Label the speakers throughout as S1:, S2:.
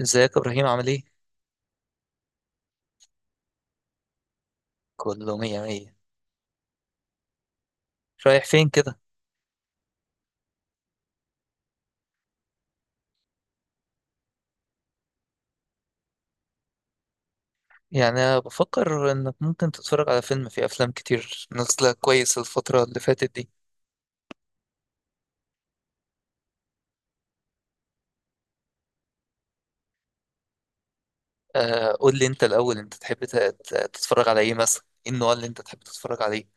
S1: ازيك يا ابراهيم؟ عامل ايه؟ كله مية مية. رايح فين كده؟ يعني أنا بفكر انك ممكن تتفرج على فيلم، في افلام كتير نازله كويس الفتره اللي فاتت دي. آه، قول لي انت الاول، انت تحب تتفرج على ايه مثلا؟ ايه النوع اللي انت تحب تتفرج عليه؟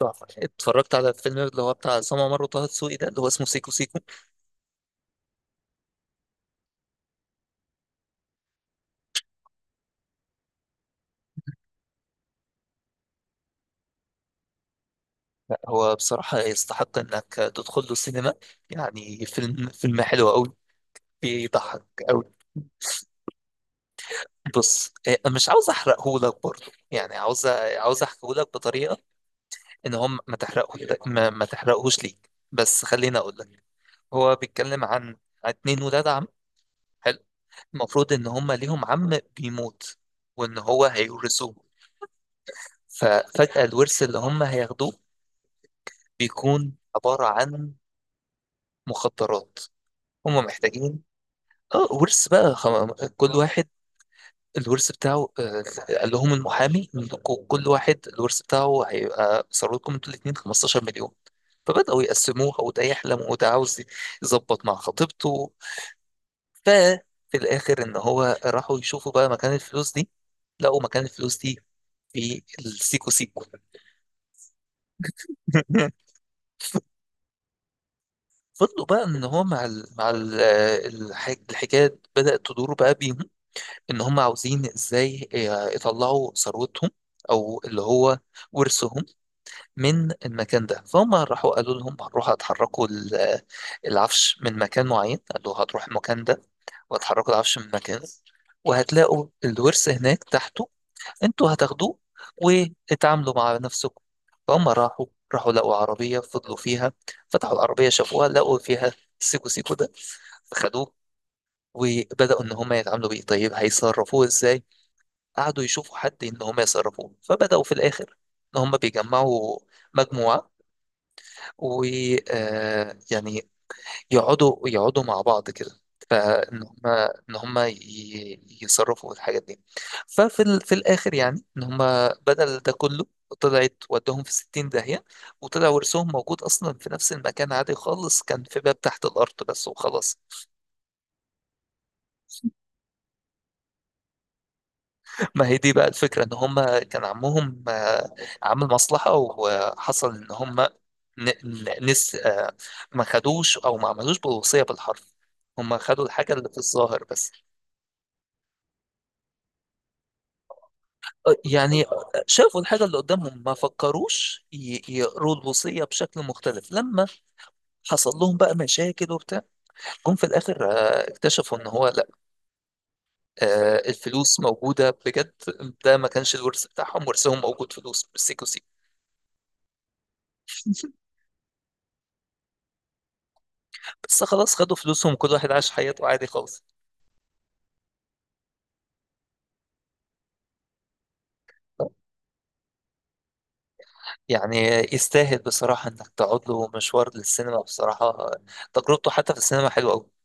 S1: تحفة. اتفرجت على الفيلم اللي هو بتاع عصام عمر وطه دسوقي، ده اللي هو اسمه سيكو سيكو. لا هو بصراحه يستحق انك تدخل له السينما، يعني فيلم حلو قوي، بيضحك قوي. بص، مش عاوز احرقهولك برضه، يعني عاوز، عاوز احكيهولك بطريقه ان هم ما تحرقه، ما تحرقهوش ليك، بس خليني اقول لك. هو بيتكلم عن اتنين ولاد عم، حلو. المفروض ان هم ليهم عم بيموت، وان هو هيورثوه. ففجأة الورث اللي هم هياخدوه بيكون عبارة عن مخدرات هم محتاجين. اه، ورث بقى كل واحد الورث بتاعه، قال لهم المحامي منكم كل واحد الورث بتاعه هيبقى صار لكم انتوا الاثنين 15 مليون. فبدأوا يقسموها، وده يحلم وده عاوز يظبط مع خطيبته. ففي الآخر إن هو راحوا يشوفوا بقى مكان الفلوس دي، لقوا مكان الفلوس دي في السيكو سيكو. فضلوا بقى إن هو مع ال الحكاية بدأت تدور بقى بيهم، إن هم عاوزين إزاي يطلعوا ثروتهم، أو اللي هو ورثهم، من المكان ده. فهم راحوا، قالوا لهم هنروحوا هتحركوا العفش من مكان معين، قالوا هتروح المكان ده وهتحركوا العفش من مكان، وهتلاقوا الورث هناك تحته، انتوا هتاخدوه واتعاملوا مع نفسكم. فهم راحوا، راحوا لقوا عربية، فضلوا فيها، فتحوا العربية شافوها لقوا فيها سيكو سيكو ده، فخدوه. وبدأوا إن هما يتعاملوا بيه، طيب هيصرفوه إزاي؟ قعدوا يشوفوا حد إن هما يصرفوه. فبدأوا في الآخر إن هما بيجمعوا مجموعة، ويعني يقعدوا مع بعض كده، فان هم ان هم يصرفوا في الحاجات دي. ففي في الاخر يعني ان هم بدل ده كله، طلعت ودهم في 60 داهية. وطلع ورثهم موجود اصلا في نفس المكان عادي خالص، كان في باب تحت الارض بس وخلاص. ما هي دي بقى الفكرة، ان هم كان عمهم عامل مصلحة، وحصل ان هم نس آه، ما خدوش او ما عملوش بالوصية بالحرف، هم خدوا الحاجة اللي في الظاهر بس. يعني شافوا الحاجة اللي قدامهم، ما فكروش يقروا الوصية بشكل مختلف. لما حصل لهم بقى مشاكل وبتاع، جم في الآخر اكتشفوا ان هو لا، آه، الفلوس موجودة بجد، ده ما كانش الورث بتاعهم، ورثهم موجود فلوس بالسيكو سيكو. بس خلاص، خدوا فلوسهم، كل واحد عاش حياته عادي خالص. يعني يستاهل بصراحة إنك تقعد له مشوار للسينما بصراحة، تجربته حتى في السينما حلوة أوي.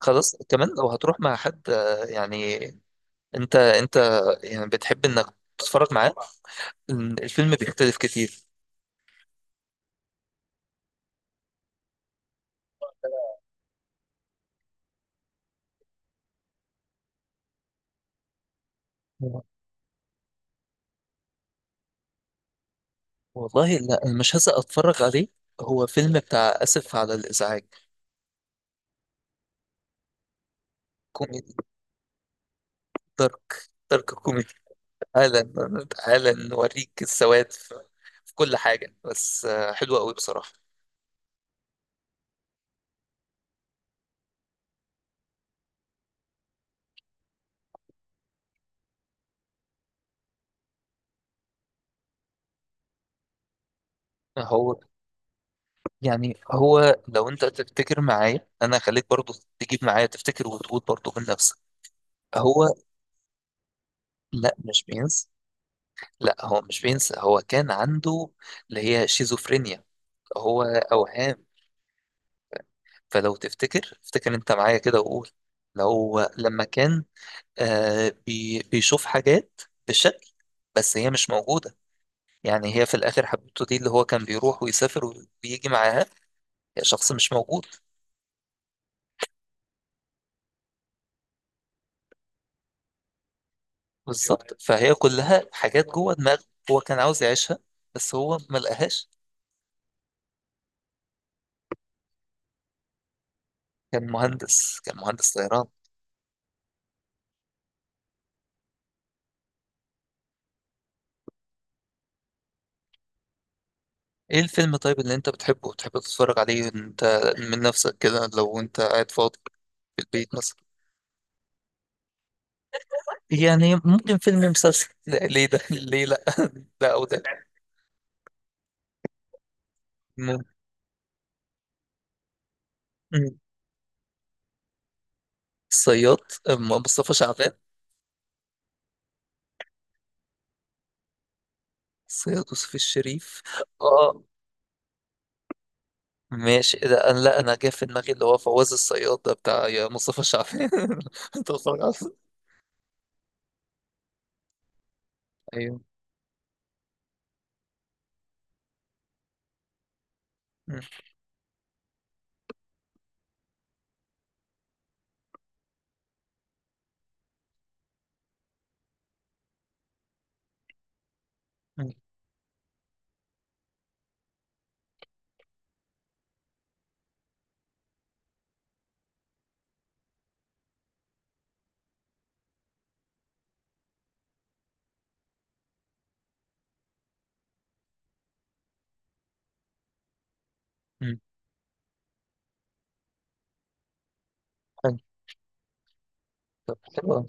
S1: خلاص كمان لو هتروح مع حد آه، يعني أنت أنت يعني بتحب إنك تتفرج معاه، الفيلم بيختلف كتير. والله لا، أنا مش هسأل أتفرج عليه، هو فيلم بتاع آسف على الإزعاج. كوميدي، دارك كوميدي. تعالى، تعالى نوريك السواد في في كل حاجة، بس آه، حلوة أوي بصراحة. هو يعني هو لو انت تفتكر معايا، انا خليك برضو تجيب معايا، تفتكر وتقول برضو من نفسك. هو لا مش بينسى، لا هو مش بينسى، هو كان عنده اللي هي شيزوفرينيا، هو اوهام. فلو تفتكر، افتكر انت معايا كده وقول. لو لما كان آه بي بيشوف حاجات بالشكل، بس هي مش موجودة. يعني هي في الاخر حبيبته دي اللي هو كان بيروح ويسافر ويجي معاها، هي شخص مش موجود. بالظبط، فهي كلها حاجات جوه دماغه، هو كان عاوز يعيشها بس هو ما لقاهاش. كان مهندس، كان مهندس طيران. ايه الفيلم طيب اللي انت بتحبه وتحب تتفرج عليه انت، من نفسك كده لو انت قاعد فاضي في البيت مثلا؟ يعني ممكن فيلم مسلسل، لا، ليه ده؟ ليه لا؟ ده او ده. م- م. الصياد، مصطفى شعبان؟ الصياد يوسف الشريف. اه، ماشي. ده انا لا، انا جاي في دماغي اللي هو فواز الصياد ده بتاع، يا مصطفى شعبان. انت بتتفرج على؟ ايوه. مم. مم. حلو. طب حلو أوي.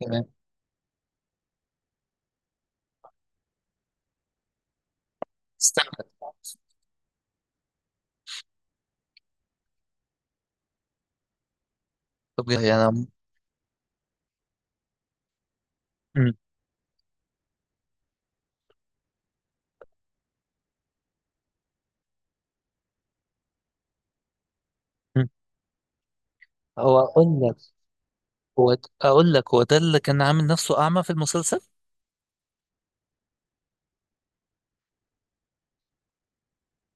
S1: تمام. استنى. طب يعني أنا. مم. مم. هو أقول لك، هو أقول لك، هو ده اللي كان عامل نفسه أعمى في المسلسل.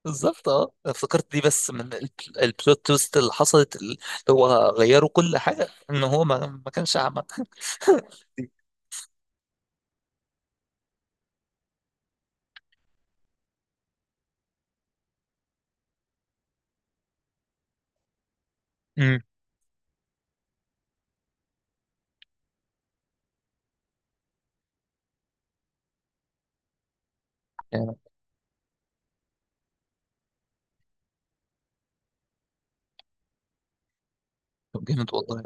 S1: بالظبط، أه افتكرت دي، بس من البلوت تويست اللي حصلت، اللي هو غيروا كل حاجة إن هو ما كانش أعمى. امم. جامد. طب جامد والله.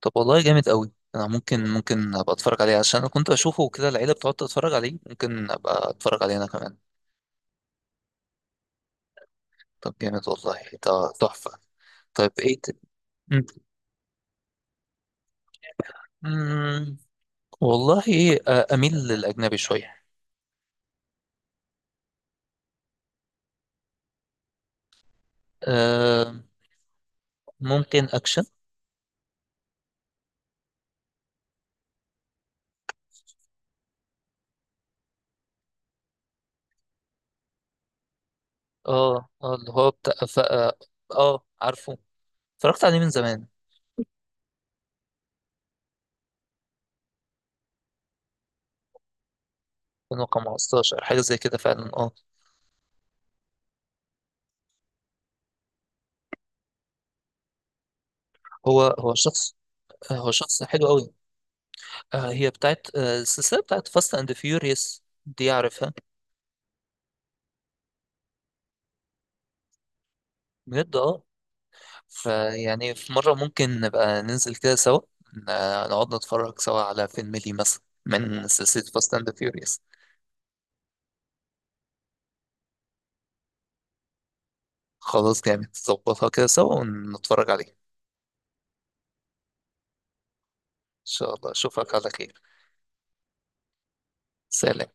S1: طب والله جامد قوي، انا ممكن، ممكن ابقى اتفرج عليه، عشان انا كنت اشوفه كده العيله بتقعد تتفرج عليه، ممكن ابقى اتفرج عليه انا كمان. طب جامد والله، ده تحفه. طيب ايه مم. مم، والله آه، أميل للأجنبي شوية. آه، ممكن أكشن. اه اه، اللي هو بتاع اه، آه، عارفه، اتفرجت عليه من زمان، 2015 حاجة زي كده فعلا، اه. هو هو شخص، آه، هو شخص حلو قوي. آه، هي بتاعت آه، السلسلة بتاعت فاست اند فيوريوس دي، عارفها؟ بجد. اه، فيعني في مرة ممكن نبقى ننزل كده سوا، آه، نقعد نتفرج سوا على فيلم لي مثلا من سلسلة فاست اند فيوريوس. خلاص، جامد، نظبطها كده سوا ونتفرج عليه ان شاء الله. اشوفك على خير. سلام.